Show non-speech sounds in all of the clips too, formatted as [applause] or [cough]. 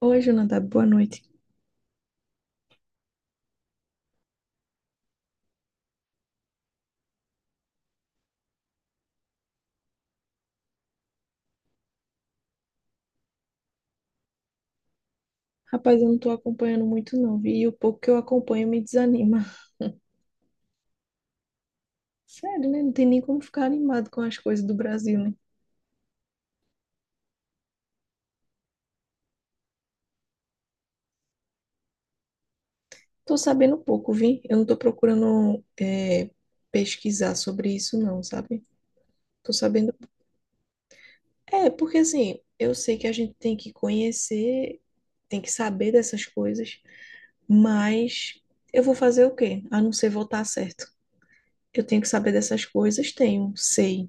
Oi, Jonathan, boa noite. Rapaz, eu não tô acompanhando muito não, vi? E o pouco que eu acompanho me desanima. [laughs] Sério, né? Não tem nem como ficar animado com as coisas do Brasil, né? Tô sabendo pouco, vi? Eu não tô procurando pesquisar sobre isso não, sabe? Tô sabendo... É, porque assim, eu sei que a gente tem que conhecer, tem que saber dessas coisas, mas eu vou fazer o quê? A não ser votar certo. Eu tenho que saber dessas coisas, tenho, sei.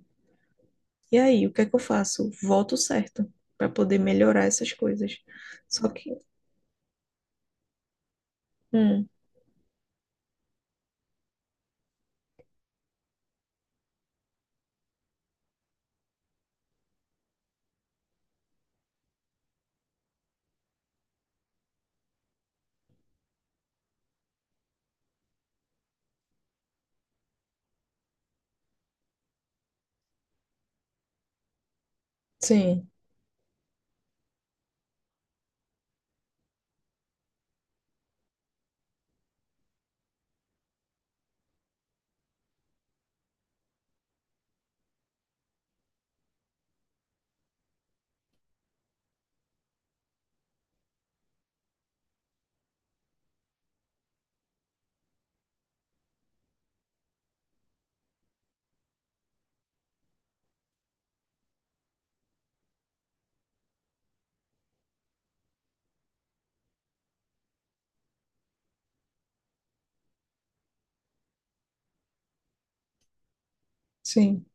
E aí, o que é que eu faço? Voto certo para poder melhorar essas coisas. Só que, hum, sim, sim,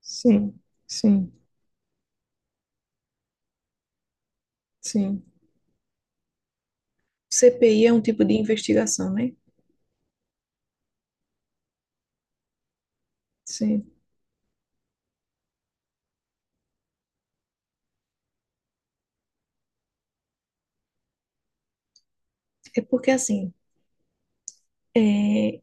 sim, sim, sim. CPI é um tipo de investigação, né? Sim. É porque assim, é,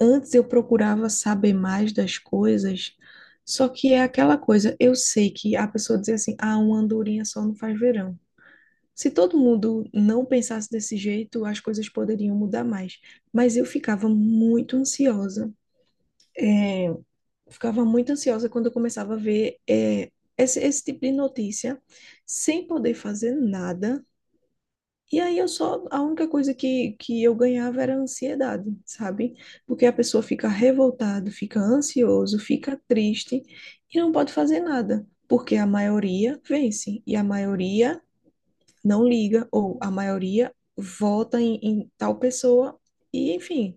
antes eu procurava saber mais das coisas, só que é aquela coisa, eu sei que a pessoa diz assim, ah, uma andorinha só não faz verão. Se todo mundo não pensasse desse jeito, as coisas poderiam mudar mais. Mas eu ficava muito ansiosa. Eu ficava muito ansiosa quando eu começava a ver esse tipo de notícia, sem poder fazer nada. E aí eu só, a única coisa que eu ganhava era ansiedade, sabe? Porque a pessoa fica revoltada, fica ansioso, fica triste e não pode fazer nada, porque a maioria vence e a maioria não liga, ou a maioria vota em tal pessoa, e enfim,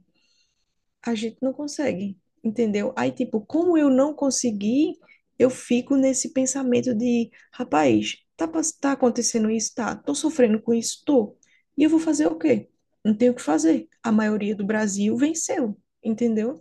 a gente não consegue, entendeu? Aí, tipo, como eu não consegui, eu fico nesse pensamento de, rapaz, tá, tá acontecendo isso, tá? Tô sofrendo com isso, tô. E eu vou fazer o quê? Não tenho o que fazer. A maioria do Brasil venceu, entendeu?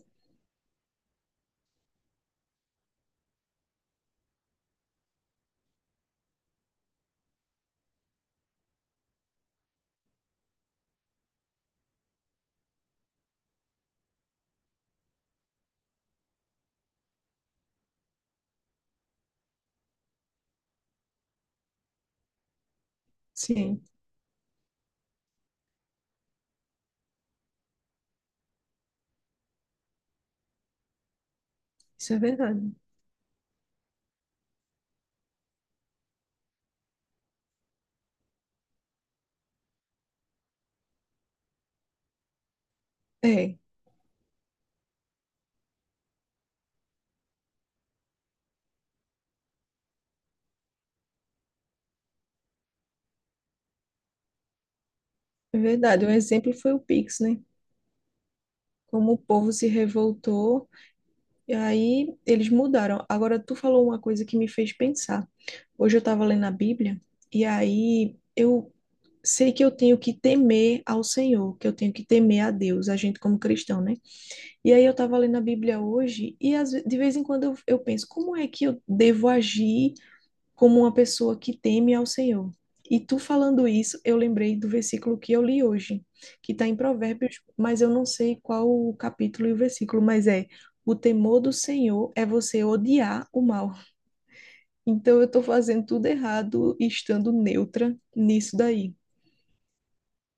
Sim, isso é verdade. É, é verdade. Um exemplo foi o Pix, né? Como o povo se revoltou. E aí eles mudaram. Agora tu falou uma coisa que me fez pensar. Hoje eu estava lendo a Bíblia e aí eu sei que eu tenho que temer ao Senhor, que eu tenho que temer a Deus, a gente como cristão, né? E aí eu estava lendo a Bíblia hoje e de vez em quando eu penso, como é que eu devo agir? Como uma pessoa que teme ao Senhor. E tu falando isso, eu lembrei do versículo que eu li hoje, que está em Provérbios, mas eu não sei qual o capítulo e o versículo, mas é: o temor do Senhor é você odiar o mal. Então eu estou fazendo tudo errado estando neutra nisso daí,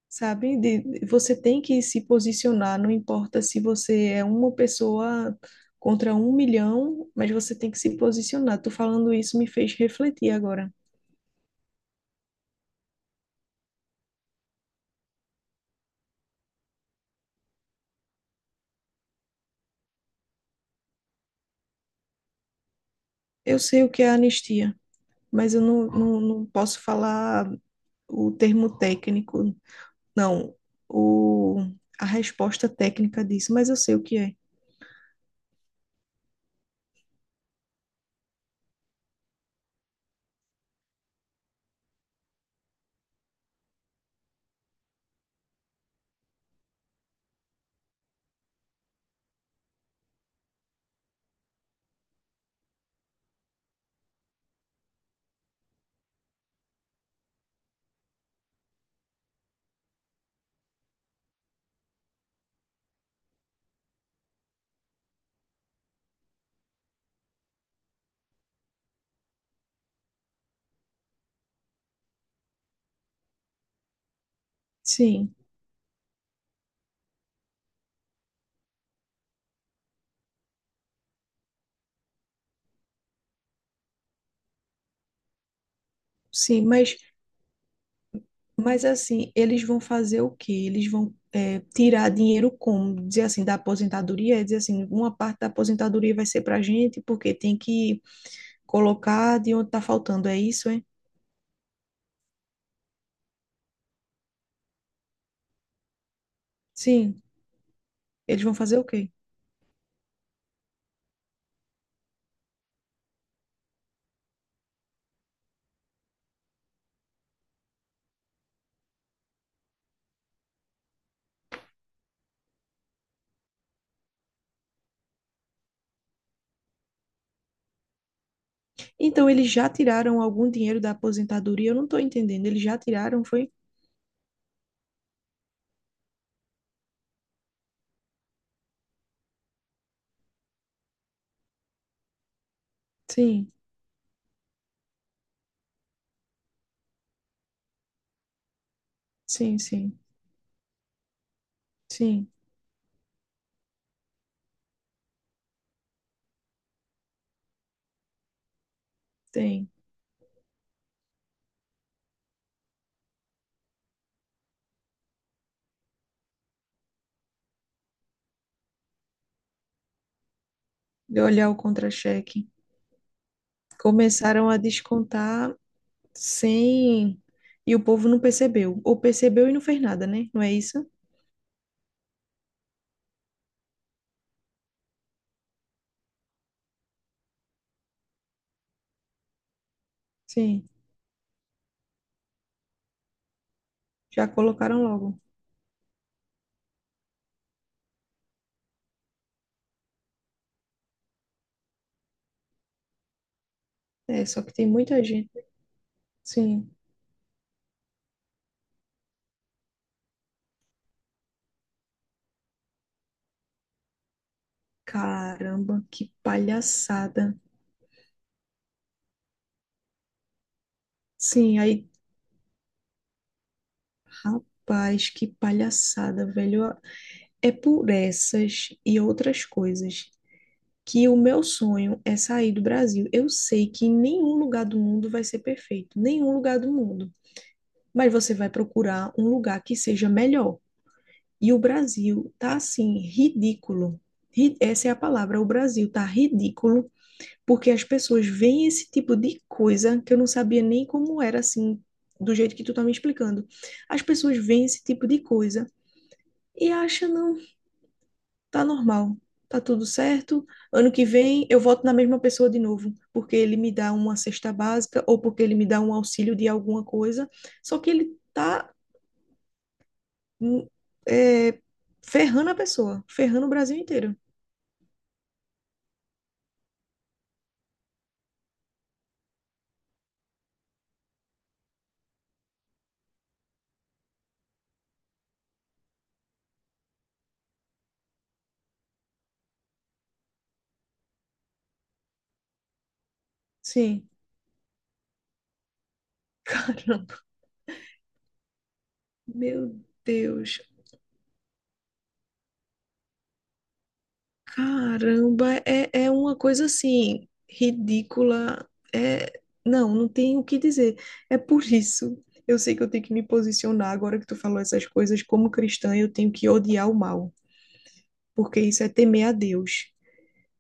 sabe? De, você tem que se posicionar, não importa se você é uma pessoa contra um milhão, mas você tem que se posicionar. Tô falando isso me fez refletir agora. Eu sei o que é anistia, mas eu não posso falar o termo técnico. Não, o, a resposta técnica disso, mas eu sei o que é. Sim, sim, mas assim, eles vão fazer o quê? Eles vão tirar dinheiro como? Dizer assim, da aposentadoria, dizer assim, uma parte da aposentadoria vai ser pra gente, porque tem que colocar de onde tá faltando, é isso, hein? Sim, eles vão fazer o quê? Então, eles já tiraram algum dinheiro da aposentadoria? Eu não tô entendendo, eles já tiraram, foi? Sim, sim, sim, sim, tem. De olhar o contra-cheque. Começaram a descontar sem. E o povo não percebeu. Ou percebeu e não fez nada, né? Não é isso? Sim. Já colocaram logo. É, só que tem muita gente. Sim. Caramba, que palhaçada. Sim, aí. Rapaz, que palhaçada, velho. É por essas e outras coisas que o meu sonho é sair do Brasil. Eu sei que nenhum lugar do mundo vai ser perfeito. Nenhum lugar do mundo. Mas você vai procurar um lugar que seja melhor. E o Brasil tá assim, ridículo. Essa é a palavra, o Brasil tá ridículo, porque as pessoas veem esse tipo de coisa que eu não sabia nem como era assim, do jeito que tu tá me explicando. As pessoas veem esse tipo de coisa e acham, não, tá normal, tá tudo certo. Ano que vem eu voto na mesma pessoa de novo, porque ele me dá uma cesta básica ou porque ele me dá um auxílio de alguma coisa. Só que ele tá hum, é, ferrando a pessoa, ferrando o Brasil inteiro. Sim, [laughs] caramba, meu Deus, caramba, é, é uma coisa assim, ridícula, é, não, não tem o que dizer, é por isso, eu sei que eu tenho que me posicionar agora que tu falou essas coisas, como cristã eu tenho que odiar o mal, porque isso é temer a Deus.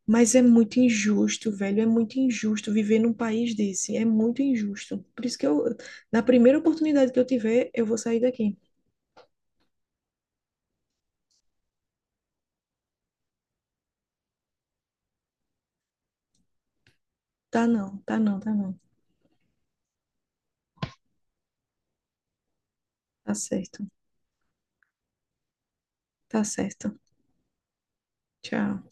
Mas é muito injusto, velho, é muito injusto viver num país desse, é muito injusto. Por isso que eu, na primeira oportunidade que eu tiver, eu vou sair daqui. Tá não, tá não, tá não. Tá certo, tá certo. Tchau.